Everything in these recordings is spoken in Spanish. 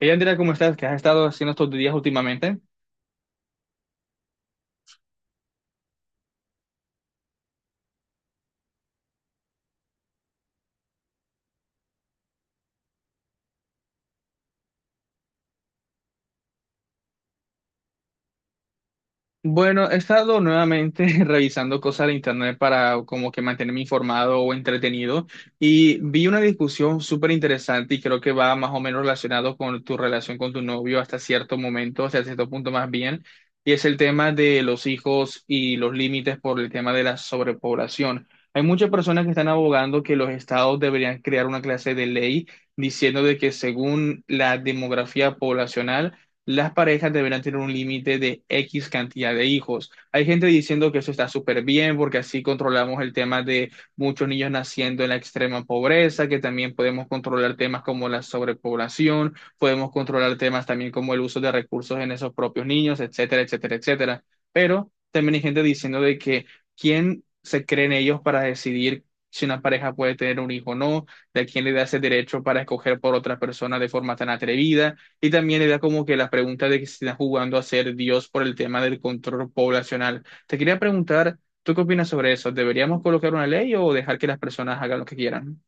Ella dirá cómo estás, qué has estado haciendo estos días últimamente. Bueno, he estado nuevamente revisando cosas de internet para como que mantenerme informado o entretenido y vi una discusión súper interesante y creo que va más o menos relacionado con tu relación con tu novio hasta cierto momento, hasta cierto punto más bien, y es el tema de los hijos y los límites por el tema de la sobrepoblación. Hay muchas personas que están abogando que los estados deberían crear una clase de ley diciendo de que según la demografía poblacional las parejas deberán tener un límite de X cantidad de hijos. Hay gente diciendo que eso está súper bien porque así controlamos el tema de muchos niños naciendo en la extrema pobreza, que también podemos controlar temas como la sobrepoblación, podemos controlar temas también como el uso de recursos en esos propios niños, etcétera, etcétera, etcétera. Pero también hay gente diciendo de que quién se creen ellos para decidir si una pareja puede tener un hijo o no, de quién le da ese derecho para escoger por otra persona de forma tan atrevida y también era como que la pregunta de que se está jugando a ser Dios por el tema del control poblacional. Te quería preguntar, ¿tú qué opinas sobre eso? ¿Deberíamos colocar una ley o dejar que las personas hagan lo que quieran?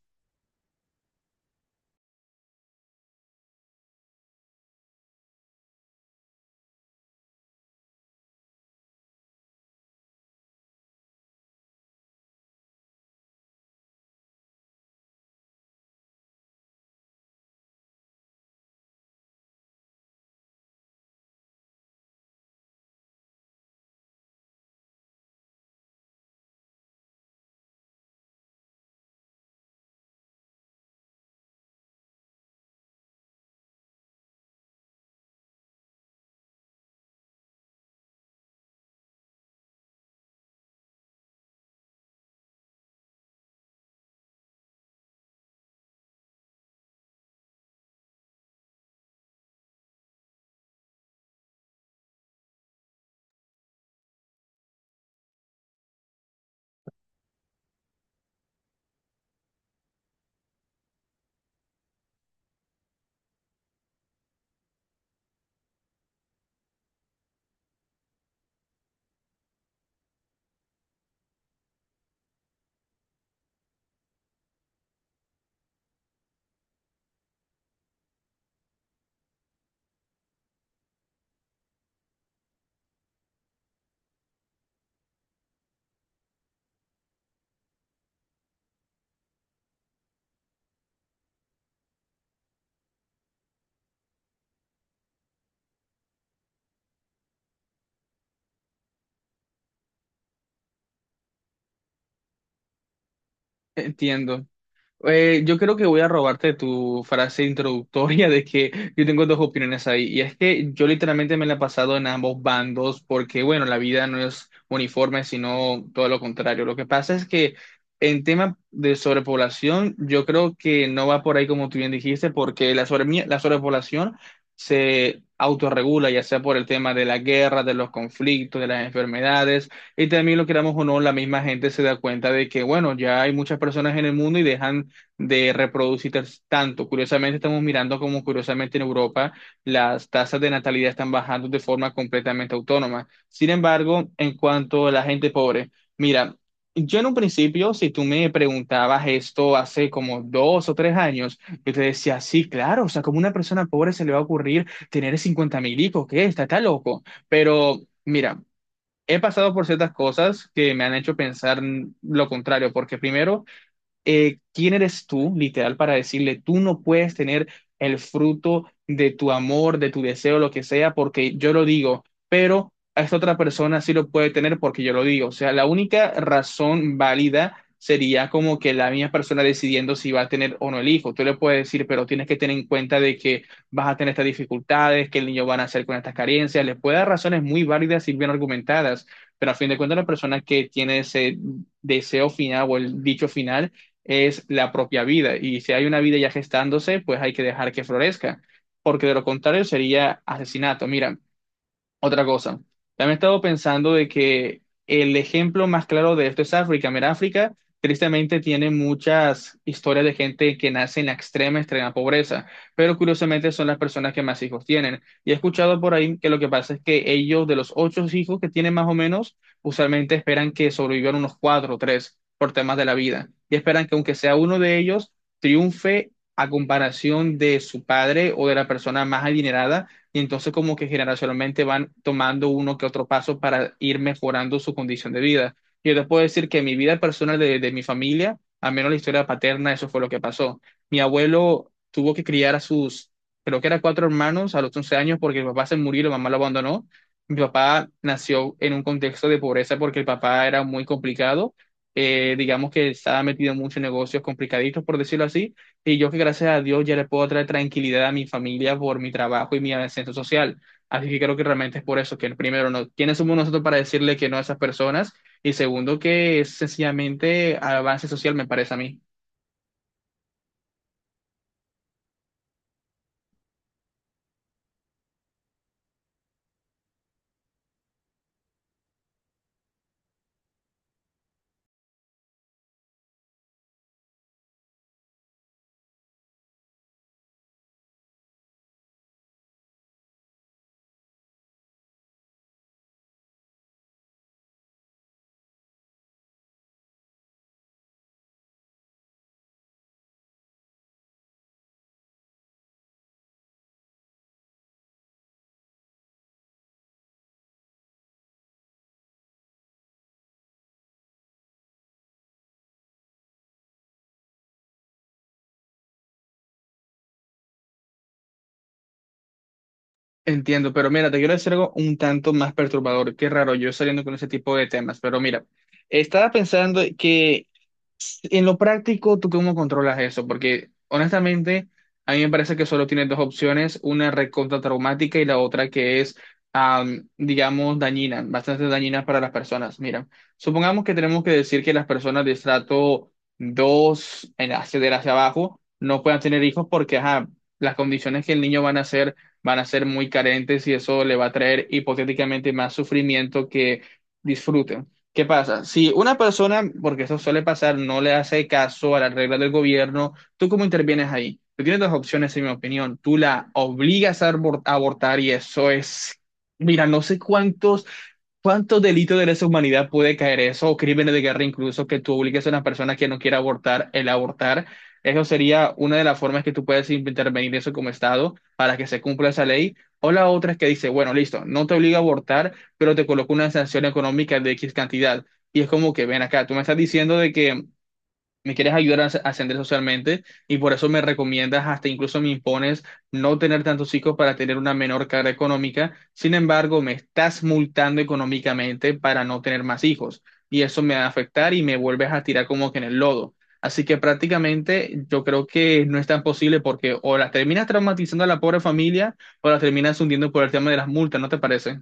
Entiendo. Yo creo que voy a robarte tu frase introductoria de que yo tengo dos opiniones ahí. Y es que yo literalmente me la he pasado en ambos bandos porque, bueno, la vida no es uniforme, sino todo lo contrario. Lo que pasa es que en tema de sobrepoblación, yo creo que no va por ahí como tú bien dijiste, porque la sobrepoblación se autorregula, ya sea por el tema de la guerra, de los conflictos, de las enfermedades. Y también lo queramos o no, la misma gente se da cuenta de que, bueno, ya hay muchas personas en el mundo y dejan de reproducir tanto. Curiosamente, estamos mirando como curiosamente en Europa las tasas de natalidad están bajando de forma completamente autónoma. Sin embargo, en cuanto a la gente pobre, mira, yo en un principio, si tú me preguntabas esto hace como dos o tres años, yo te decía, sí, claro, o sea, como una persona pobre se le va a ocurrir tener 50 mil hijos, ¿qué? Está loco. Pero mira. He pasado por ciertas cosas que me han hecho pensar lo contrario, porque primero, ¿quién eres tú, literal, para decirle, tú no puedes tener el fruto de tu amor, de tu deseo, lo que sea, porque yo lo digo, pero a esta otra persona sí lo puede tener porque yo lo digo? O sea, la única razón válida sería como que la misma persona decidiendo si va a tener o no el hijo. Tú le puedes decir, pero tienes que tener en cuenta de que vas a tener estas dificultades, que el niño va a nacer con estas carencias. Le puede dar razones muy válidas y bien argumentadas, pero a fin de cuentas la persona que tiene ese deseo final o el dicho final es la propia vida. Y si hay una vida ya gestándose, pues hay que dejar que florezca, porque de lo contrario sería asesinato. Mira, otra cosa, también he estado pensando de que el ejemplo más claro de esto es África. Mira, África tristemente tiene muchas historias de gente que nace en la extrema, extrema pobreza, pero curiosamente son las personas que más hijos tienen. Y he escuchado por ahí que lo que pasa es que ellos, de los ocho hijos que tienen más o menos, usualmente esperan que sobrevivan unos cuatro o tres por temas de la vida. Y esperan que aunque sea uno de ellos, triunfe a comparación de su padre o de la persona más adinerada y entonces como que generacionalmente van tomando uno que otro paso para ir mejorando su condición de vida. Yo te puedo decir que en mi vida personal de mi familia, al menos la historia paterna, eso fue lo que pasó. Mi abuelo tuvo que criar a sus, creo que eran cuatro hermanos a los 11 años porque el papá se murió y la mamá lo abandonó. Mi papá nació en un contexto de pobreza porque el papá era muy complicado. Digamos que estaba metido en muchos negocios complicaditos, por decirlo así. Y yo que gracias a Dios ya le puedo traer tranquilidad a mi familia por mi trabajo y mi ascenso social. Así que creo que realmente es por eso que primero, no, ¿quiénes somos nosotros para decirle que no a esas personas? Y segundo, que es sencillamente avance social, me parece a mí. Entiendo, pero mira, te quiero decir algo un tanto más perturbador. Qué raro yo saliendo con ese tipo de temas, pero mira, estaba pensando que en lo práctico, ¿tú cómo controlas eso? Porque honestamente, a mí me parece que solo tienes dos opciones, una recontra traumática y la otra que es, digamos, dañina, bastante dañina para las personas. Mira, supongamos que tenemos que decir que las personas de estrato 2, en acceder hacia abajo no puedan tener hijos porque, ajá, las condiciones que el niño van a hacer van a ser muy carentes y eso le va a traer hipotéticamente más sufrimiento que disfrute. ¿Qué pasa? Si una persona, porque eso suele pasar, no le hace caso a las reglas del gobierno, ¿tú cómo intervienes ahí? Tú tienes dos opciones, en mi opinión. Tú la obligas a a abortar y eso es, mira, no sé cuántos delitos de lesa humanidad puede caer eso, o crímenes de guerra incluso, que tú obligues a una persona que no quiera abortar el abortar. Eso sería una de las formas que tú puedes intervenir eso como Estado para que se cumpla esa ley. O la otra es que dice, bueno, listo, no te obliga a abortar pero te colocó una sanción económica de X cantidad. Y es como que, ven acá, tú me estás diciendo de que me quieres ayudar a ascender socialmente y por eso me recomiendas, hasta incluso me impones no tener tantos hijos para tener una menor carga económica. Sin embargo, me estás multando económicamente para no tener más hijos. Y eso me va a afectar y me vuelves a tirar como que en el lodo. Así que prácticamente yo creo que no es tan posible porque o la terminas traumatizando a la pobre familia o la terminas hundiendo por el tema de las multas, ¿no te parece?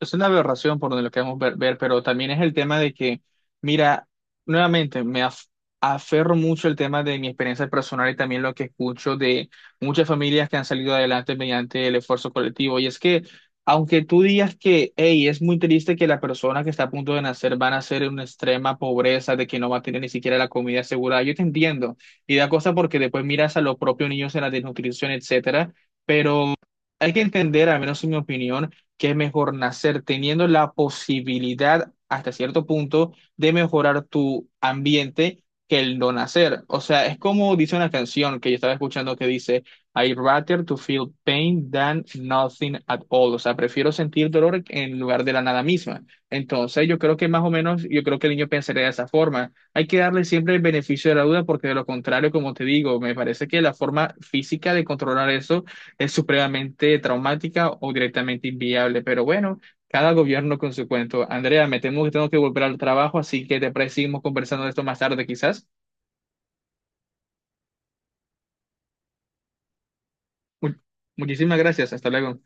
Es una aberración por donde lo queremos ver, ver, pero también es el tema de que, mira, nuevamente aferro mucho el tema de mi experiencia personal y también lo que escucho de muchas familias que han salido adelante mediante el esfuerzo colectivo. Y es que, aunque tú digas que, hey, es muy triste que la persona que está a punto de nacer va a nacer en una extrema pobreza, de que no va a tener ni siquiera la comida asegurada, yo te entiendo. Y da cosa porque después miras a los propios niños en la desnutrición, etcétera, pero hay que entender, al menos en mi opinión, que es mejor nacer teniendo la posibilidad hasta cierto punto de mejorar tu ambiente que el no nacer. O sea, es como dice una canción que yo estaba escuchando que dice, I rather to feel pain than nothing at all. O sea, prefiero sentir dolor en lugar de la nada misma. Entonces, yo creo que más o menos, yo creo que el niño pensaría de esa forma. Hay que darle siempre el beneficio de la duda porque de lo contrario, como te digo, me parece que la forma física de controlar eso es supremamente traumática o directamente inviable. Pero bueno, cada gobierno con su cuento. Andrea, me temo que tengo que volver al trabajo, así que te parece seguimos conversando de esto más tarde, quizás. Mu- Muchísimas gracias. Hasta luego.